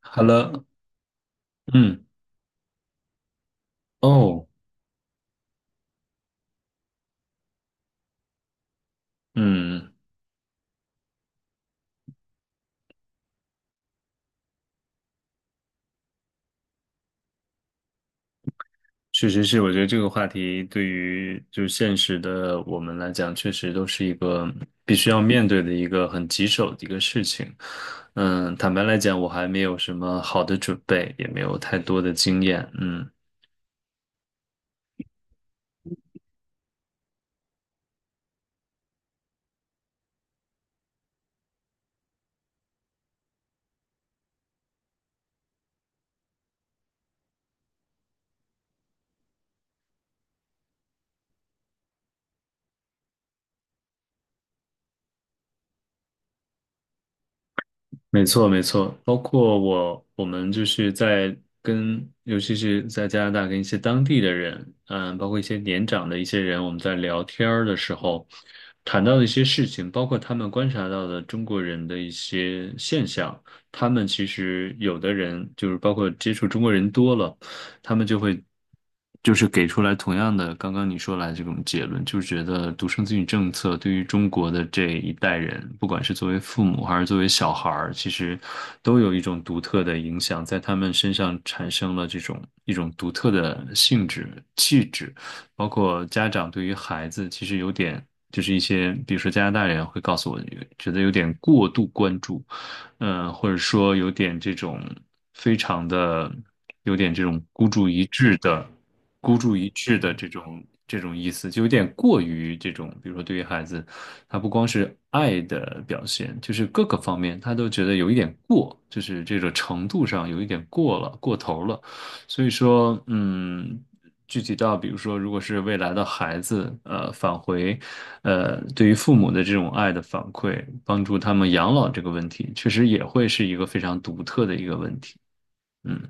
好了。嗯。哦。嗯。确实是，我觉得这个话题对于就现实的我们来讲，确实都是一个必须要面对的一个很棘手的一个事情。坦白来讲，我还没有什么好的准备，也没有太多的经验。嗯。没错，没错，包括我，我们就是尤其是在加拿大跟一些当地的人，包括一些年长的一些人，我们在聊天儿的时候，谈到的一些事情，包括他们观察到的中国人的一些现象，他们其实有的人就是包括接触中国人多了。他们就会就是给出来同样的刚刚你说来这种结论，就是觉得独生子女政策对于中国的这一代人，不管是作为父母还是作为小孩儿，其实都有一种独特的影响，在他们身上产生了这种一种独特的性质、气质，包括家长对于孩子其实就是一些，比如说加拿大人会告诉我，觉得有点过度关注，或者说有点这种非常的有点这种孤注一掷的这种意思，就有点过于这种，比如说对于孩子，他不光是爱的表现，就是各个方面他都觉得有一点过，就是这个程度上有一点过了，过头了。所以说，具体到比如说，如果是未来的孩子，对于父母的这种爱的反馈，帮助他们养老这个问题，确实也会是一个非常独特的一个问题。嗯。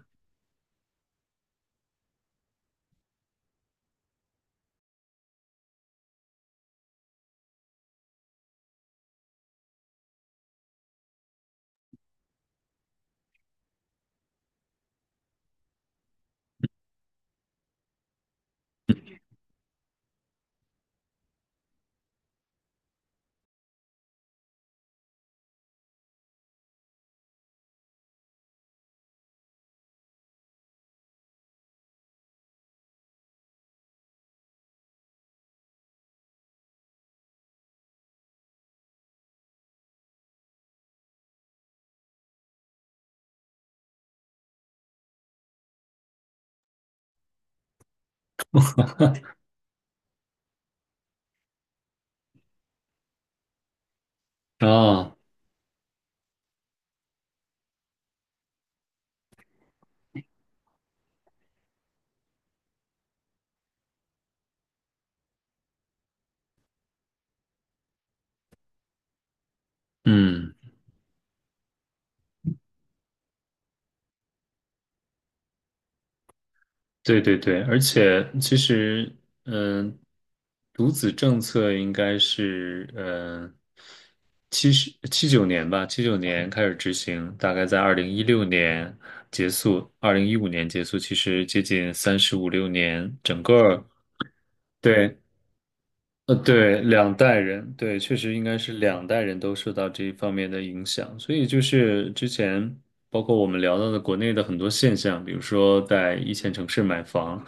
啊。嗯。对对对，而且其实，嗯、独子政策应该是，七九年吧，七九年开始执行，大概在2016年结束，2015年结束，其实接近三十五六年，对，对，两代人，对，确实应该是两代人都受到这一方面的影响，所以就是之前包括我们聊到的国内的很多现象，比如说在一线城市买房，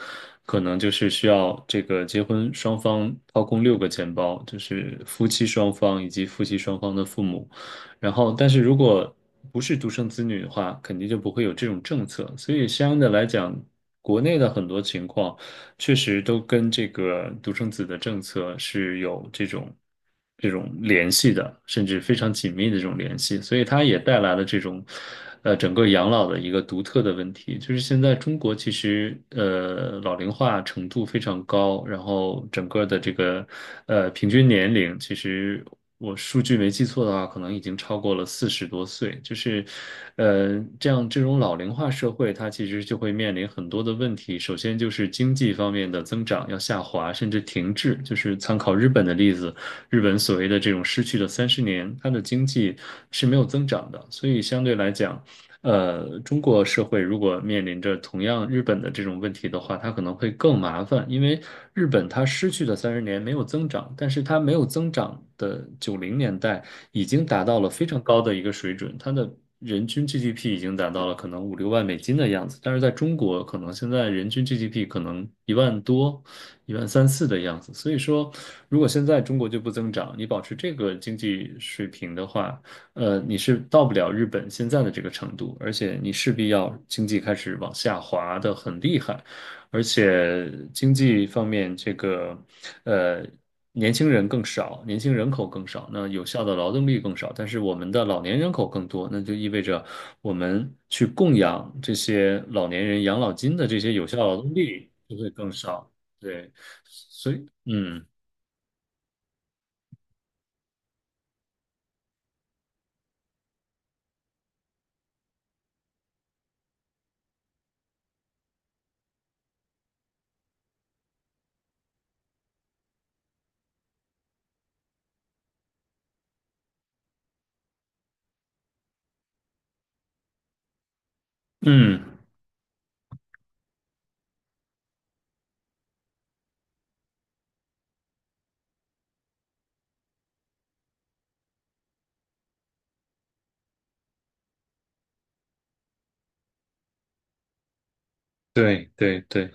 可能就是需要这个结婚双方掏空六个钱包，就是夫妻双方以及夫妻双方的父母，然后但是如果不是独生子女的话，肯定就不会有这种政策，所以相应的来讲，国内的很多情况，确实都跟这个独生子的政策是有这种联系的，甚至非常紧密的这种联系，所以它也带来了这种整个养老的一个独特的问题，就是现在中国其实老龄化程度非常高，然后整个的这个平均年龄其实，我数据没记错的话，可能已经超过了40多岁，就是，这样这种老龄化社会，它其实就会面临很多的问题。首先就是经济方面的增长要下滑，甚至停滞。就是参考日本的例子，日本所谓的这种失去的三十年，它的经济是没有增长的，所以相对来讲，中国社会如果面临着同样日本的这种问题的话，它可能会更麻烦，因为日本它失去的三十年没有增长，但是它没有增长的90年代已经达到了非常高的一个水准，它的人均 GDP 已经达到了可能五六万美金的样子，但是在中国可能现在人均 GDP 可能1万多、一万三四的样子，所以说如果现在中国就不增长，你保持这个经济水平的话，你是到不了日本现在的这个程度，而且你势必要经济开始往下滑的很厉害，而且经济方面这个，呃，年轻人更少，年轻人口更少，那有效的劳动力更少，但是我们的老年人口更多，那就意味着我们去供养这些老年人养老金的这些有效劳动力就会更少，对，所以，嗯嗯，对对对。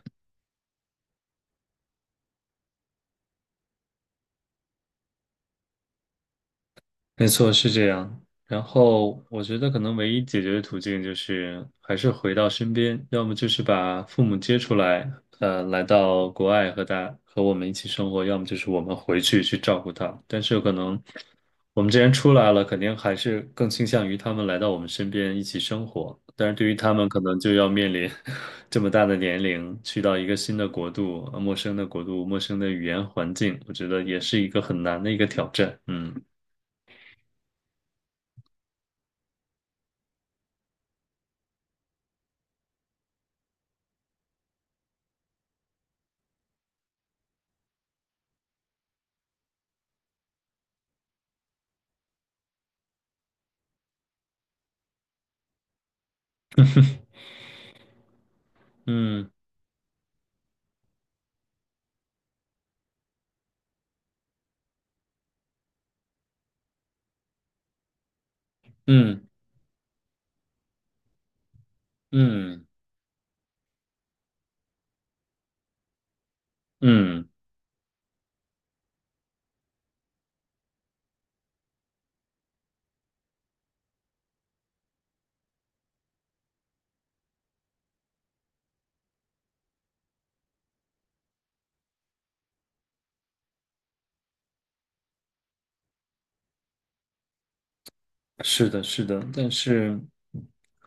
没错，是这样。然后我觉得可能唯一解决的途径就是还是回到身边，要么就是把父母接出来，来到国外和我们一起生活，要么就是我们回去去照顾他。但是可能我们既然出来了，肯定还是更倾向于他们来到我们身边一起生活。但是对于他们，可能就要面临 这么大的年龄，去到一个新的国度、陌生的国度、陌生的语言环境，我觉得也是一个很难的一个挑战。嗯。嗯。嗯。嗯。嗯。是的，是的，但是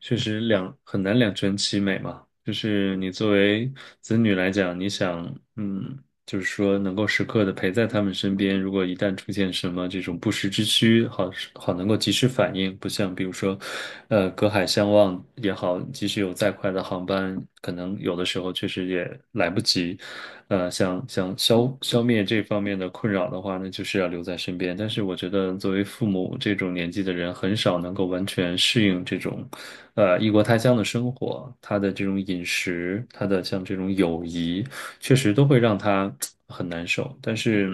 确实很难两全其美嘛。就是你作为子女来讲，你想，嗯，就是说能够时刻的陪在他们身边，如果一旦出现什么这种不时之需，好能够及时反应，不像比如说，隔海相望也好，即使有再快的航班，可能有的时候确实也来不及，想想消灭这方面的困扰的话呢，就是要留在身边。但是我觉得作为父母这种年纪的人，很少能够完全适应这种，异国他乡的生活，他的这种饮食，他的像这种友谊，确实都会让他很难受。但是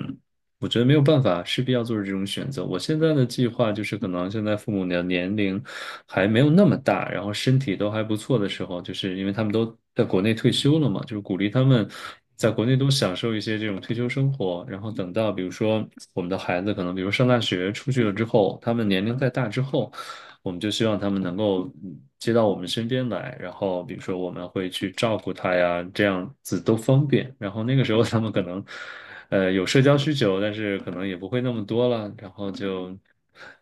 我觉得没有办法，势必要做出这种选择。我现在的计划就是，可能现在父母的年龄还没有那么大，然后身体都还不错的时候，就是因为他们都在国内退休了嘛，就是鼓励他们在国内都享受一些这种退休生活，然后等到比如说我们的孩子可能，比如上大学出去了之后，他们年龄再大之后，我们就希望他们能够接到我们身边来，然后比如说我们会去照顾他呀，这样子都方便。然后那个时候他们可能，有社交需求，但是可能也不会那么多了，然后就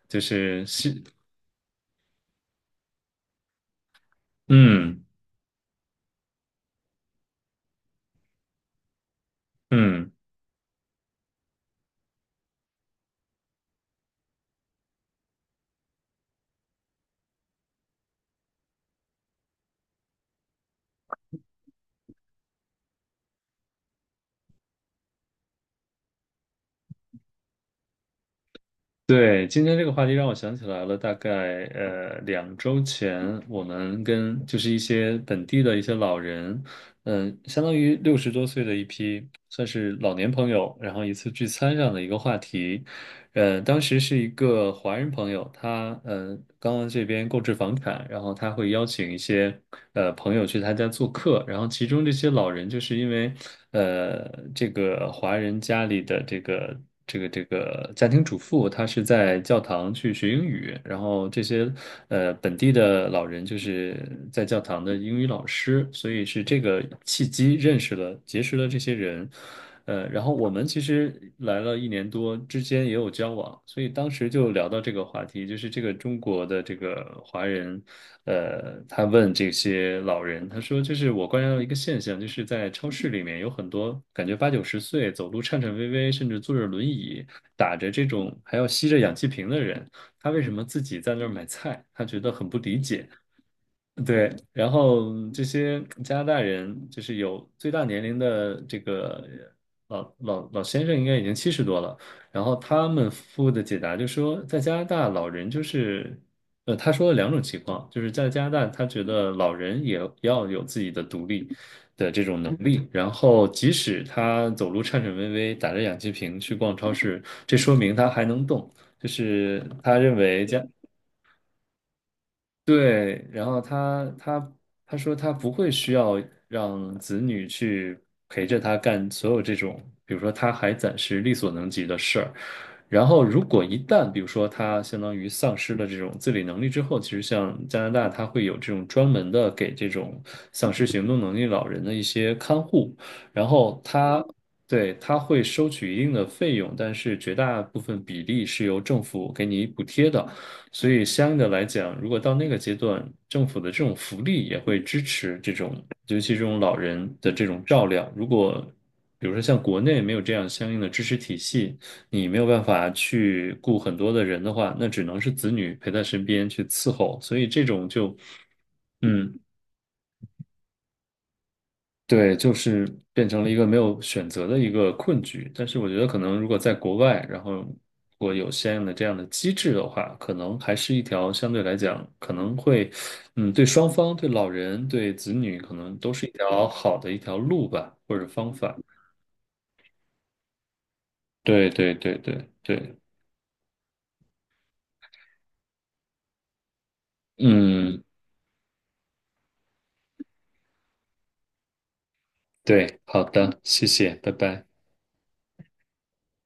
就是是嗯。嗯。对，今天这个话题让我想起来了，大概两周前，我们跟就是一些本地的一些老人，嗯，相当于60多岁的一批，算是老年朋友，然后一次聚餐上的一个话题。当时是一个华人朋友，他刚刚这边购置房产，然后他会邀请一些朋友去他家做客，然后其中这些老人就是因为呃这个华人家里的这个家庭主妇，她是在教堂去学英语，然后这些本地的老人就是在教堂的英语老师，所以是这个契机认识了结识了这些人。然后我们其实来了一年多，之间也有交往，所以当时就聊到这个话题，就是这个中国的这个华人，他问这些老人，他说，就是我观察到一个现象，就是在超市里面有很多感觉八九十岁，走路颤颤巍巍，甚至坐着轮椅，打着这种还要吸着氧气瓶的人，他为什么自己在那儿买菜？他觉得很不理解。对，然后这些加拿大人就是有最大年龄的这个老先生，应该已经70多了。然后他们夫的解答就说，在加拿大老人就是，他说了两种情况，就是在加拿大他觉得老人也要有自己的独立的这种能力，然后即使他走路颤颤巍巍，打着氧气瓶去逛超市，这说明他还能动。就是他认为对，然后他说他不会需要让子女去陪着他干所有这种，比如说他还暂时力所能及的事儿。然后如果一旦比如说他相当于丧失了这种自理能力之后，其实像加拿大，他会有这种专门的给这种丧失行动能力老人的一些看护，然后他。对，他会收取一定的费用，但是绝大部分比例是由政府给你补贴的。所以相应的来讲，如果到那个阶段，政府的这种福利也会支持这种，尤其这种老人的这种照料。如果比如说像国内没有这样相应的支持体系，你没有办法去雇很多的人的话，那只能是子女陪在身边去伺候。所以这种就，嗯，对，就是变成了一个没有选择的一个困局。但是我觉得，可能如果在国外，然后如果有相应的这样的机制的话，可能还是一条相对来讲，可能会，嗯，对双方、对老人、对子女，可能都是一条好的一条路吧，或者方法。对对对对对，嗯，对，好的，谢谢，拜拜。